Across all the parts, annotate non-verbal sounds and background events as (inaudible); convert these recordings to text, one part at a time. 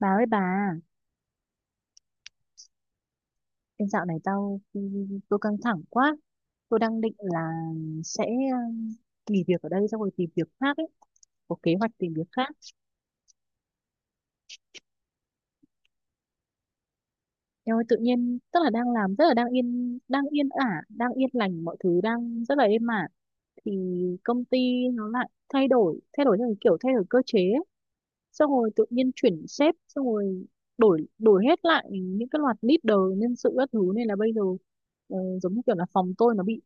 Bà ơi bà, em dạo này tao tôi căng thẳng quá. Tôi đang định là sẽ nghỉ việc ở đây xong rồi tìm việc khác ấy, có kế hoạch tìm việc khác. Em ơi tự nhiên tức là đang làm rất là đang yên ả, đang yên lành mọi thứ đang rất là êm ả thì công ty nó lại thay đổi theo cái kiểu thay đổi cơ chế ấy. Xong rồi tự nhiên chuyển sếp xong rồi đổi đổi hết lại những cái loạt leader nhân sự các thứ nên là bây giờ giống như kiểu là phòng tôi nó bị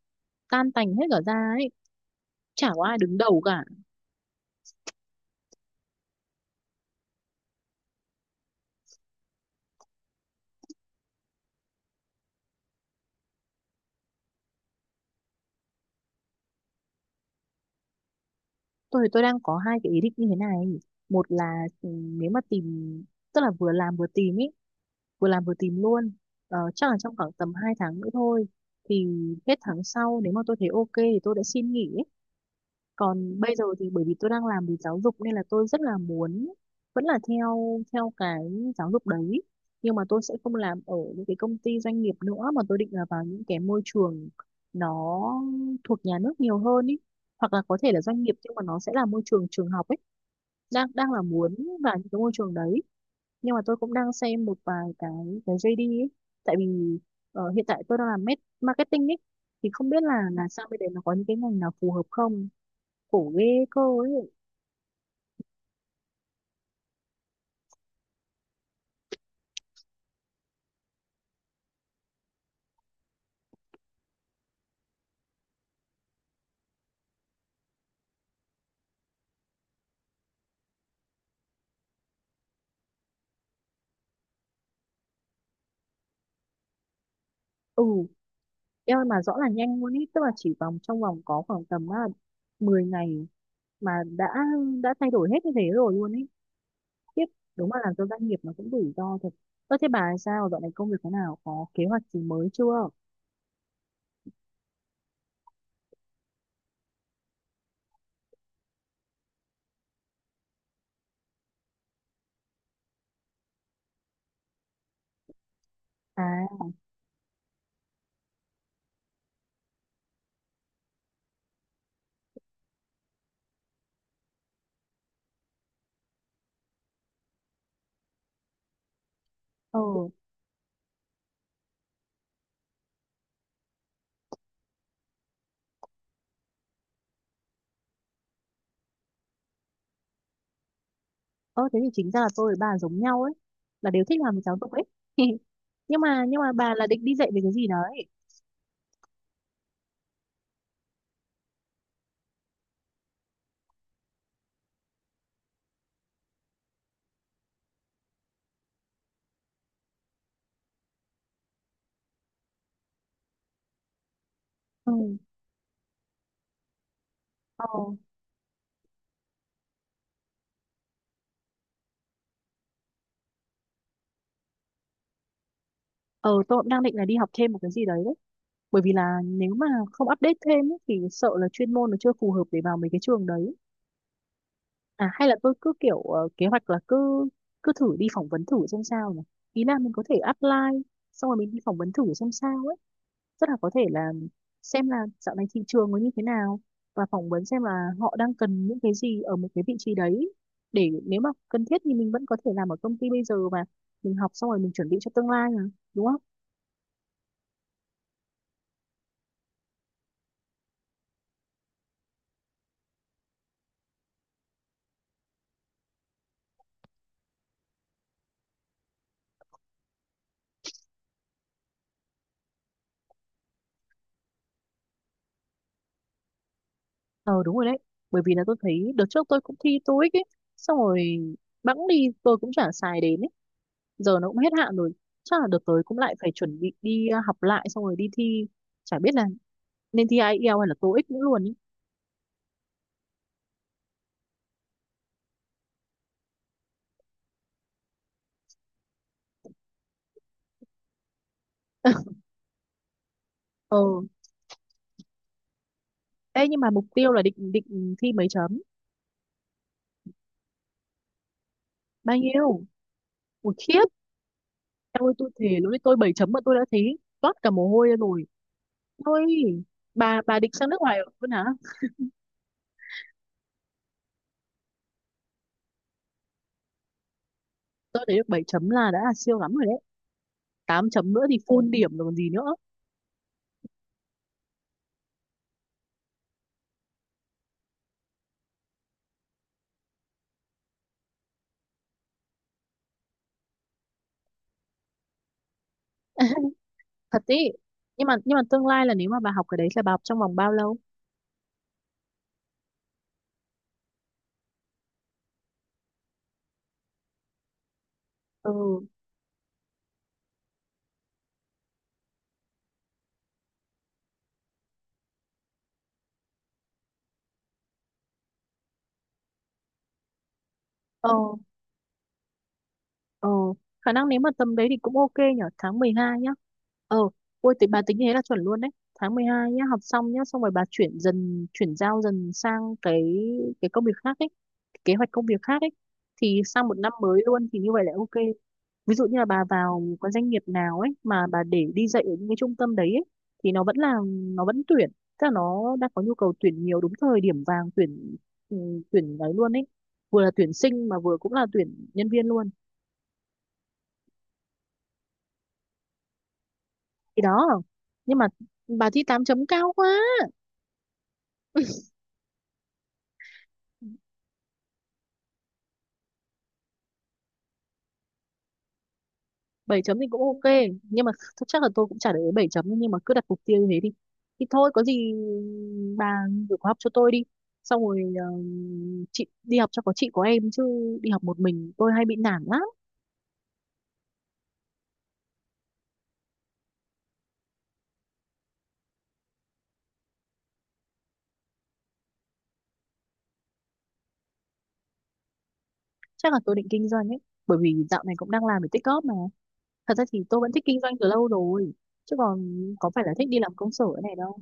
tan tành hết cả ra ấy, chả có ai đứng đầu cả. Tôi đang có hai cái ý định như thế này. Một là, ừ, nếu mà tìm tức là vừa làm vừa tìm ý vừa làm vừa tìm luôn. Ờ, chắc là trong khoảng tầm 2 tháng nữa thôi thì hết tháng sau nếu mà tôi thấy ok thì tôi đã xin nghỉ ý. Còn bây giờ thì bởi vì tôi đang làm về giáo dục nên là tôi rất là muốn vẫn là theo theo cái giáo dục đấy, nhưng mà tôi sẽ không làm ở những cái công ty doanh nghiệp nữa mà tôi định là vào những cái môi trường nó thuộc nhà nước nhiều hơn ý, hoặc là có thể là doanh nghiệp nhưng mà nó sẽ là môi trường trường học ấy. Đang đang là muốn vào những cái môi trường đấy. Nhưng mà tôi cũng đang xem một vài cái JD ấy, tại vì ờ, hiện tại tôi đang làm marketing ấy, thì không biết là sang bên đấy nó có những cái ngành nào phù hợp không. Khổ ghê cô ấy. Ừ, em ơi mà rõ là nhanh luôn ấy, tức là chỉ vòng trong vòng có khoảng tầm à, 10 ngày mà đã thay đổi hết như thế rồi luôn ấy, tiếp. Đúng là làm cho doanh nghiệp nó cũng rủi ro thật. Ơ thế bà sao dạo này công việc thế nào, có kế hoạch gì mới chưa? À, ờ, ờ thế thì chính ra là tôi với bà giống nhau ấy, là đều thích làm giáo dục ấy. (laughs) Nhưng mà bà là định đi dạy về cái gì đấy? Ừ, ờ, ờ tôi cũng đang định là đi học thêm một cái gì đấy, bởi vì là nếu mà không update thêm ấy, thì sợ là chuyên môn nó chưa phù hợp để vào mấy cái trường đấy. À hay là tôi cứ kiểu ờ, kế hoạch là cứ cứ thử đi phỏng vấn thử xem sao nhỉ, ý là mình có thể apply xong rồi mình đi phỏng vấn thử xem sao ấy, rất là có thể là xem là dạo này thị trường nó như thế nào, và phỏng vấn xem là họ đang cần những cái gì ở một cái vị trí đấy, để nếu mà cần thiết thì mình vẫn có thể làm ở công ty bây giờ và mình học xong rồi mình chuẩn bị cho tương lai mà, đúng không? Ờ đúng rồi đấy. Bởi vì là tôi thấy đợt trước tôi cũng thi TOEIC ấy. Xong rồi bẵng đi tôi cũng chả xài đến ấy. Giờ nó cũng hết hạn rồi. Chắc là đợt tới cũng lại phải chuẩn bị đi à, học lại. Xong rồi đi thi. Chả biết là nên thi ai eo hay là tô ích nữa luôn ấy. Ờ. Ê nhưng mà mục tiêu là định định thi mấy chấm? Bao nhiêu? Ủa khiếp. Em ơi tôi thề lúc đấy tôi 7 chấm mà tôi đã thấy toát cả mồ hôi ra rồi. Ôi. Bà định sang nước ngoài luôn hả? Tôi thấy được bảy chấm là đã là siêu lắm rồi đấy, 8 chấm nữa thì full điểm rồi còn gì nữa. Thật ý. Nhưng mà tương lai là nếu mà bà học cái đấy là bà học trong vòng bao lâu? Ừ, ờ, ờ khả năng nếu mà tầm đấy thì cũng ok nhở, tháng 12 nhá. Ờ. Ôi thì bà tính thế là chuẩn luôn đấy, tháng 12 nhá, học xong nhá, xong rồi bà chuyển dần chuyển giao dần sang cái công việc khác ấy, kế hoạch công việc khác ấy, thì sang một năm mới luôn thì như vậy là ok. Ví dụ như là bà vào cái doanh nghiệp nào ấy mà bà để đi dạy ở những cái trung tâm đấy ấy, thì nó vẫn là nó vẫn tuyển, tức là nó đang có nhu cầu tuyển nhiều đúng thời điểm vàng tuyển, ừ, tuyển đấy luôn ấy, vừa là tuyển sinh mà vừa cũng là tuyển nhân viên luôn. Thì đó, nhưng mà bà thi 8 chấm cao quá. Bảy chấm thì cũng ok nhưng mà chắc là tôi cũng chả để ý 7 chấm nhưng mà cứ đặt mục tiêu như thế đi. Thì thôi có gì bà gửi khóa học cho tôi đi, xong rồi ờ, chị đi học cho có chị có em chứ, đi học một mình tôi hay bị nản lắm. Chắc là tôi định kinh doanh ấy, bởi vì dạo này cũng đang làm để tích góp mà. Thật ra thì tôi vẫn thích kinh doanh từ lâu rồi, chứ còn có phải là thích đi làm công sở này đâu.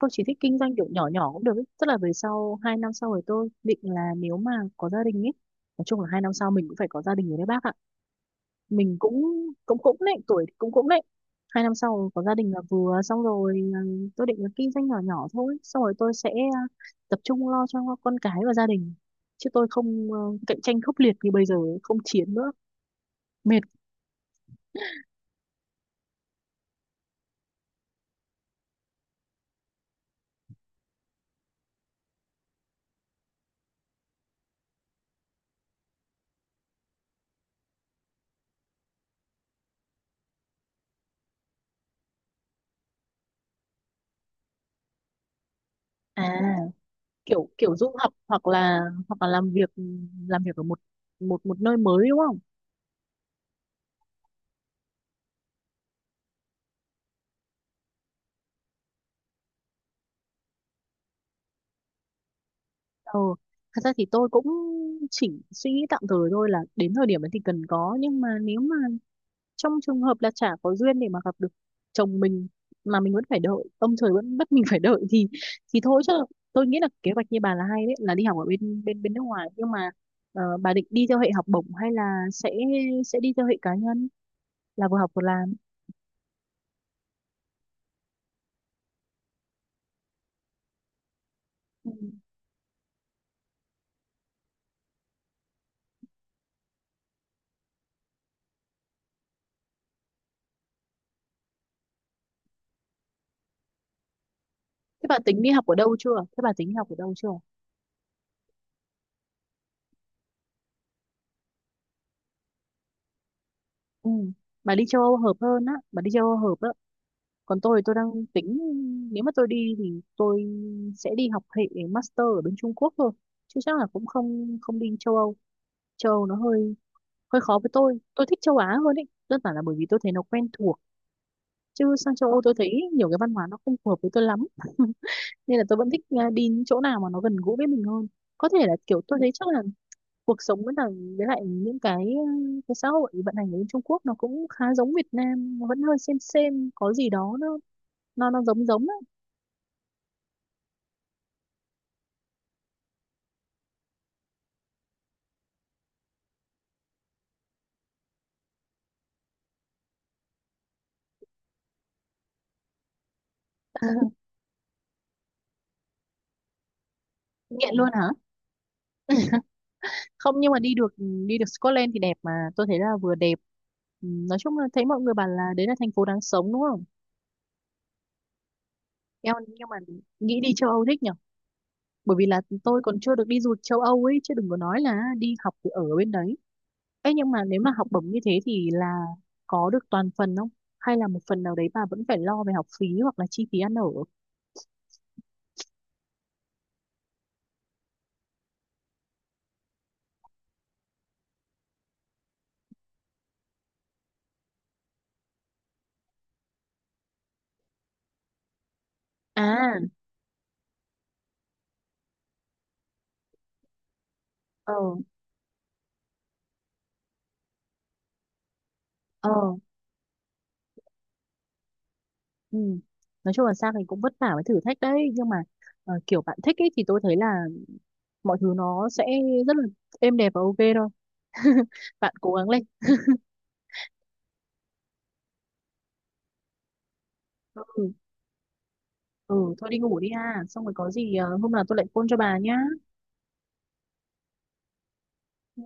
Tôi chỉ thích kinh doanh kiểu nhỏ nhỏ cũng được ấy. Tức là về sau 2 năm sau rồi tôi định là nếu mà có gia đình ấy, nói chung là 2 năm sau mình cũng phải có gia đình rồi đấy bác ạ, mình cũng cũng cũng đấy, tuổi thì cũng cũng đấy, 2 năm sau có gia đình là vừa xong rồi, ừ, tôi định là kinh doanh nhỏ nhỏ thôi, xong rồi tôi sẽ ờ, tập trung lo cho con cái và gia đình, chứ tôi không ờ, cạnh tranh khốc liệt như bây giờ, không chiến nữa, mệt. À kiểu kiểu du học hoặc là làm việc, làm việc ở một một một nơi mới, đúng không? Ờ thật ra thì tôi cũng chỉ suy nghĩ tạm thời thôi là đến thời điểm ấy thì cần có, nhưng mà nếu mà trong trường hợp là chả có duyên để mà gặp được chồng mình, mà mình vẫn phải đợi, ông trời vẫn bắt mình (laughs) phải đợi thì thôi chứ. Tôi nghĩ là kế hoạch như bà là hay đấy, là đi học ở bên bên bên nước ngoài. Nhưng mà ờ, bà định đi theo hệ học bổng hay là sẽ đi theo hệ cá nhân là vừa học vừa làm? Ừ. Thế bà tính đi học ở đâu chưa? Ừ. Bà đi châu Âu hợp á. Còn tôi thì tôi đang tính nếu mà tôi đi thì tôi sẽ đi học hệ master ở bên Trung Quốc thôi, chứ chắc là cũng không không đi châu Âu. Châu Âu nó hơi hơi khó với tôi thích châu Á hơn ấy, đơn giản là bởi vì tôi thấy nó quen thuộc, chứ sang châu Âu tôi thấy nhiều cái văn hóa nó không phù hợp với tôi lắm. (laughs) Nên là tôi vẫn thích à, đi những chỗ nào mà nó gần gũi với mình hơn, có thể là kiểu tôi thấy chắc là cuộc sống với lại những cái ừ, cái xã hội vận hành ở bên Trung Quốc nó cũng khá giống Việt Nam, nó vẫn hơi xem có gì đó nó nó giống giống á. (laughs) Nghiện luôn hả? Không nhưng mà đi được Scotland thì đẹp, mà tôi thấy là vừa đẹp. Ừ, nói chung là thấy mọi người bảo là đấy là thành phố đáng sống đúng không? Em nhưng mà nghĩ đi châu Âu thích nhở. Bởi vì là tôi còn chưa được đi du lịch châu Âu ấy chứ đừng có nói là đi học thì ở bên đấy. Ê nhưng mà nếu mà học bổng như thế thì là có được toàn phần không? Hay là một phần nào đấy bà vẫn phải lo về học phí hoặc là chi phí ăn ở? À, ờ, ờ, ừ. Nói chung là sang thì cũng vất vả với thử thách đấy nhưng mà ờ, kiểu bạn thích ấy thì tôi thấy là mọi thứ nó sẽ rất là êm đẹp và ok thôi. (laughs) Bạn cố gắng lên. Ừ, ừ, thôi đi ngủ đi ha. Xong rồi có gì ờ, hôm nào tôi lại phone cho bà nhá. Ừ.